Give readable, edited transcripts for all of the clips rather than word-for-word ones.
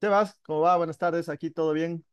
Sebas, ¿cómo va? Buenas tardes, aquí todo bien.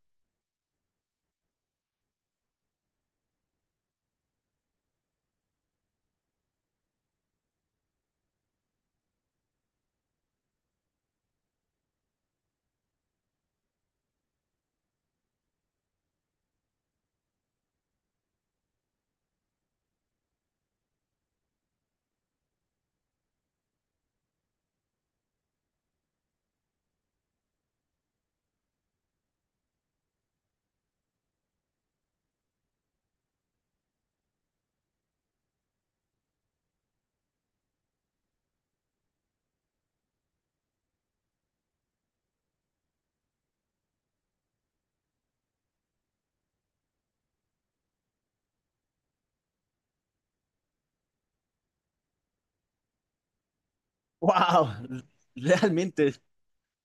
¡Wow! Realmente,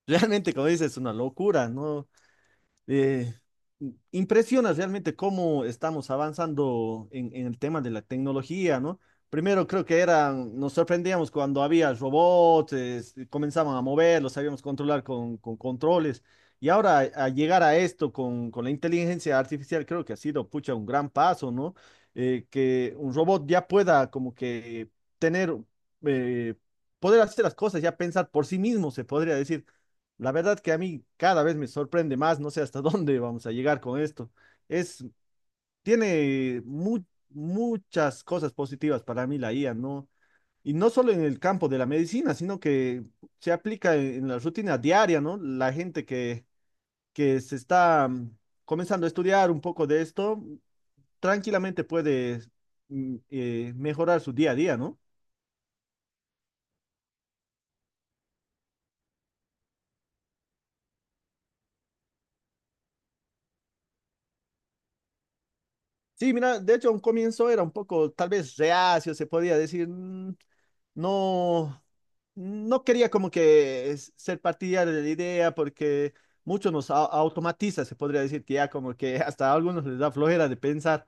realmente, como dices, es una locura, ¿no? Eh, Impresiona realmente cómo estamos avanzando en el tema de la tecnología, ¿no? Primero creo que eran, nos sorprendíamos cuando había robots, comenzaban a mover, los sabíamos controlar con controles. Y ahora a llegar a esto con la inteligencia artificial creo que ha sido, pucha, un gran paso, ¿no? Que un robot ya pueda como que tener, eh, poder hacer las cosas, ya pensar por sí mismo, se podría decir. La verdad que a mí cada vez me sorprende más, no sé hasta dónde vamos a llegar con esto. Es, tiene muchas cosas positivas para mí la IA, ¿no? Y no solo en el campo de la medicina, sino que se aplica en la rutina diaria, ¿no? La gente que se está comenzando a estudiar un poco de esto, tranquilamente puede mejorar su día a día, ¿no? Sí, mira, de hecho, a un comienzo era un poco, tal vez reacio, se podía decir, "Mm, no. No quería como que ser partidario de la idea porque muchos nos automatiza, se podría decir que ya como que hasta a algunos les da flojera de pensar,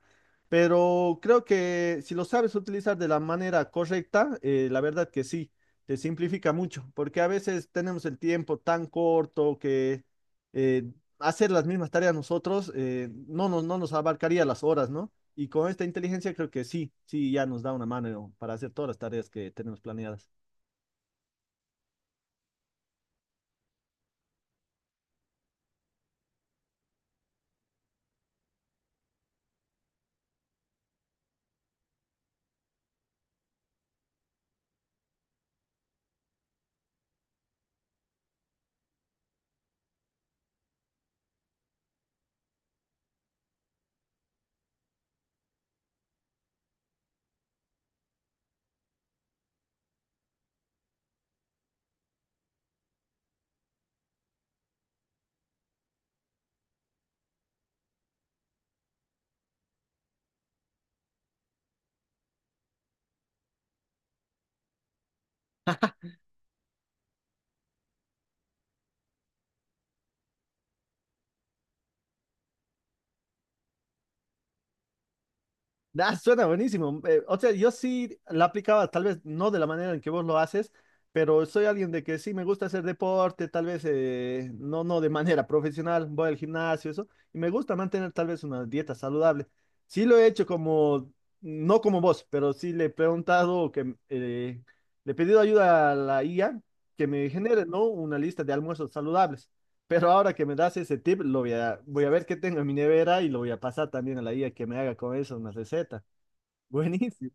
pero creo que si lo sabes utilizar de la manera correcta, la verdad que sí, te simplifica mucho, porque a veces tenemos el tiempo tan corto que eh, hacer las mismas tareas nosotros no nos, no nos abarcaría las horas, ¿no? Y con esta inteligencia creo que sí, sí, ya nos da una mano para hacer todas las tareas que tenemos planeadas. Ah, suena buenísimo. O sea, yo sí la aplicaba, tal vez no de la manera en que vos lo haces, pero soy alguien de que sí me gusta hacer deporte, tal vez no, no de manera profesional, voy al gimnasio, eso, y me gusta mantener tal vez una dieta saludable. Sí lo he hecho como, no como vos, pero sí le he preguntado, que le he pedido ayuda a la IA que me genere, ¿no? Una lista de almuerzos saludables. Pero ahora que me das ese tip, lo voy a, voy a ver qué tengo en mi nevera y lo voy a pasar también a la IA que me haga con eso una receta. Buenísimo.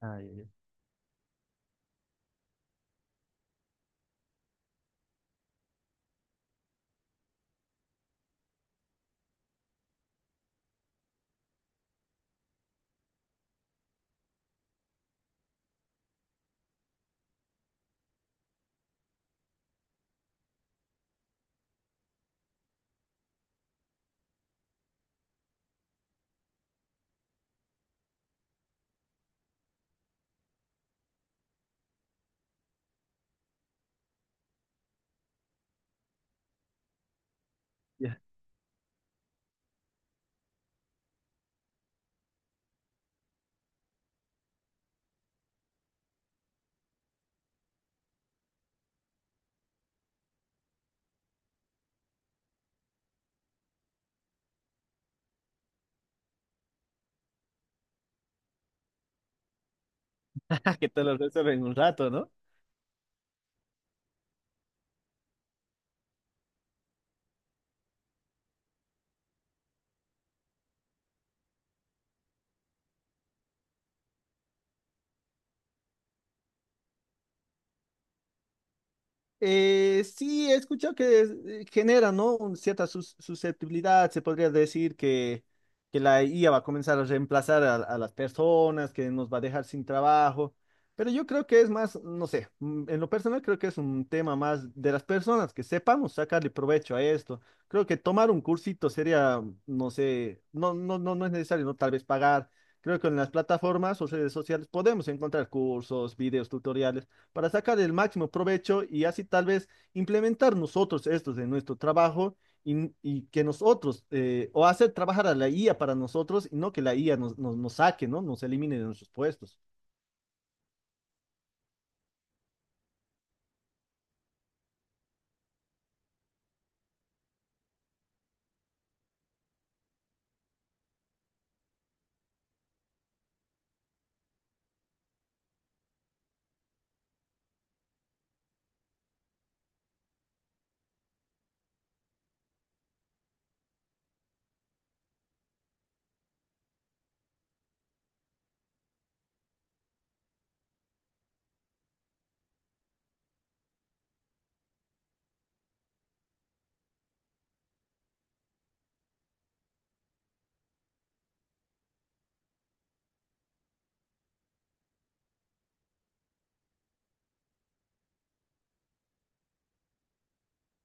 Ay, ay, ay. Ya, que te lo resuelva en un rato, ¿no? Sí, he escuchado que genera, ¿no? Cierta susceptibilidad, se podría decir que la IA va a comenzar a reemplazar a las personas, que nos va a dejar sin trabajo, pero yo creo que es más, no sé, mm, en lo personal creo que es un tema más de las personas, que sepamos sacarle provecho a esto. Creo que tomar un cursito sería, no sé, no es necesario, ¿no? Tal vez pagar. Creo que en las plataformas o redes sociales podemos encontrar cursos, videos, tutoriales para sacar el máximo provecho y así tal vez implementar nosotros estos en nuestro trabajo y que nosotros, o hacer trabajar a la IA para nosotros y no que la IA nos, nos, nos saque, ¿no? Nos elimine de nuestros puestos.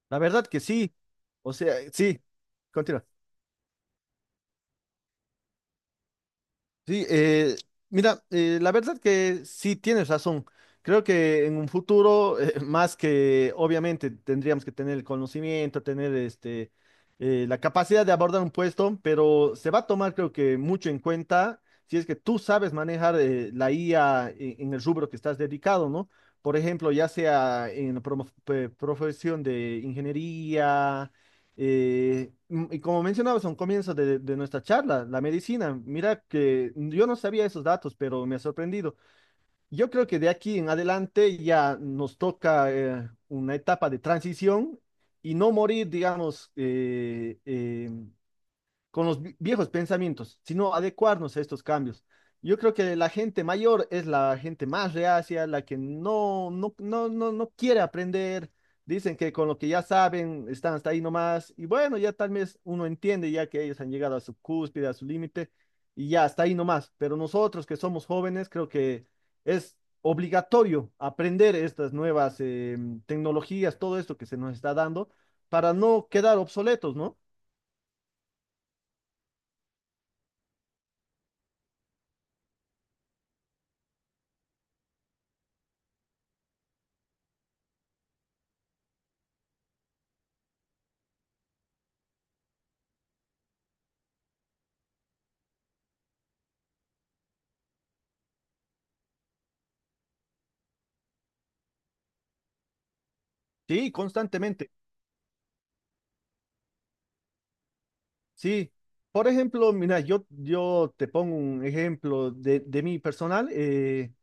La verdad que sí. O sea, sí. Continúa. Sí, mira, la verdad que sí tienes razón. Creo que en un futuro, más que obviamente tendríamos que tener el conocimiento, tener este, la capacidad de abordar un puesto, pero se va a tomar creo que mucho en cuenta si es que tú sabes manejar la IA en el rubro que estás dedicado, ¿no? Por ejemplo, ya sea en la profesión de ingeniería y como mencionabas a un comienzo de nuestra charla, la medicina, mira que yo no sabía esos datos, pero me ha sorprendido. Yo creo que de aquí en adelante ya nos toca una etapa de transición y no morir, digamos, con los viejos pensamientos, sino adecuarnos a estos cambios. Yo creo que la gente mayor es la gente más reacia, la que no quiere aprender. Dicen que con lo que ya saben están hasta ahí nomás. Y bueno, ya tal vez uno entiende ya que ellos han llegado a su cúspide, a su límite, y ya hasta ahí nomás. Pero nosotros que somos jóvenes, creo que es obligatorio aprender estas nuevas tecnologías, todo esto que se nos está dando, para no quedar obsoletos, ¿no? Sí, constantemente. Sí, por ejemplo, mira, yo te pongo un ejemplo de mi personal.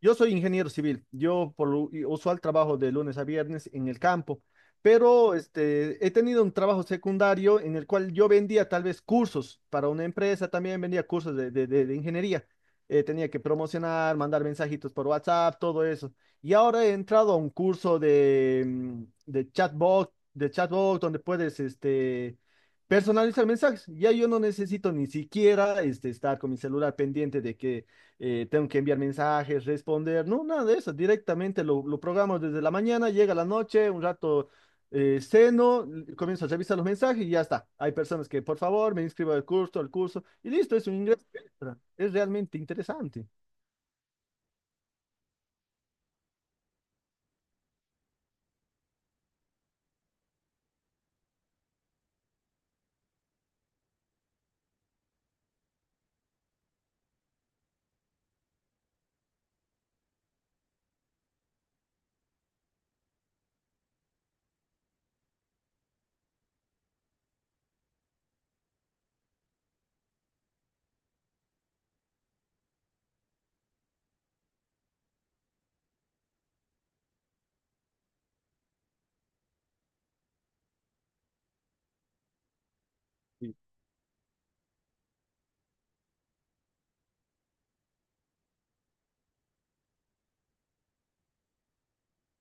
Yo soy ingeniero civil. Yo por lo usual trabajo de lunes a viernes en el campo, pero este, he tenido un trabajo secundario en el cual yo vendía tal vez cursos para una empresa, también vendía cursos de, de ingeniería. Tenía que promocionar, mandar mensajitos por WhatsApp, todo eso. Y ahora he entrado a un curso de, de chatbot donde puedes, este, personalizar mensajes. Ya yo no necesito ni siquiera este, estar con mi celular pendiente de que tengo que enviar mensajes, responder, no, nada de eso. Directamente lo programo desde la mañana, llega la noche, un rato ceno, comienzo a revisar los mensajes y ya está. Hay personas que, por favor, me inscribo al curso, y listo, es un ingreso extra. Es realmente interesante.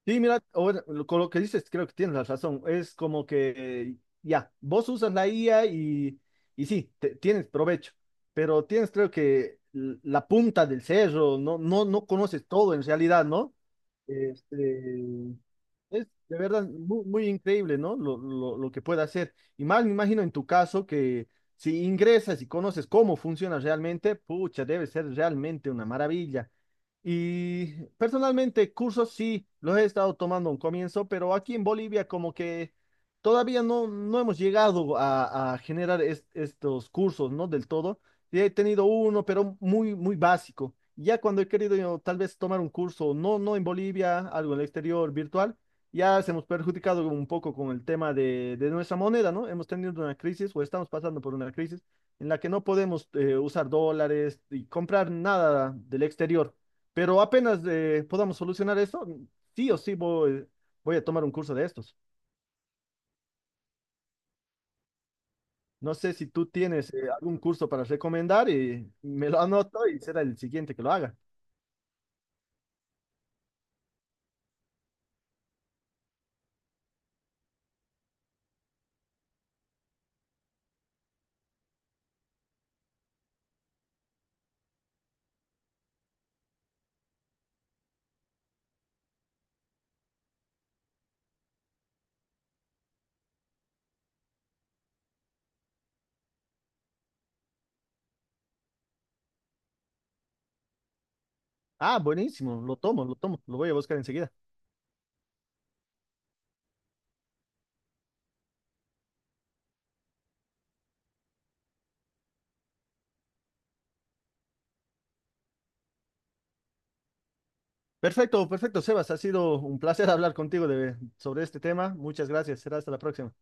Sí, mira, o bueno, con lo que dices, creo que tienes la razón. Es como que eh, ya, vos usas la IA y sí, tienes provecho, pero tienes creo que la punta del cerro, no conoces todo en realidad, ¿no? Este, es de verdad muy increíble, ¿no? Lo que puede hacer. Y más me imagino en tu caso que si ingresas y conoces cómo funciona realmente, pucha, debe ser realmente una maravilla. Y personalmente, cursos sí, los he estado tomando a un comienzo, pero aquí en Bolivia como que todavía no, no hemos llegado a generar estos cursos, ¿no? Del todo. Sí, he tenido uno, pero muy, muy básico. Ya cuando he querido yo, tal vez tomar un curso, no, no en Bolivia, algo en el exterior, virtual. Ya se hemos perjudicado un poco con el tema de nuestra moneda, ¿no? Hemos tenido una crisis o estamos pasando por una crisis en la que no podemos usar dólares y comprar nada del exterior. Pero apenas podamos solucionar esto, sí o sí voy, voy a tomar un curso de estos. No sé si tú tienes algún curso para recomendar y me lo anoto y será el siguiente que lo haga. Ah, buenísimo, lo tomo, lo tomo, lo voy a buscar enseguida. Perfecto, perfecto, Sebas. Ha sido un placer hablar contigo de, sobre este tema. Muchas gracias. Será hasta la próxima.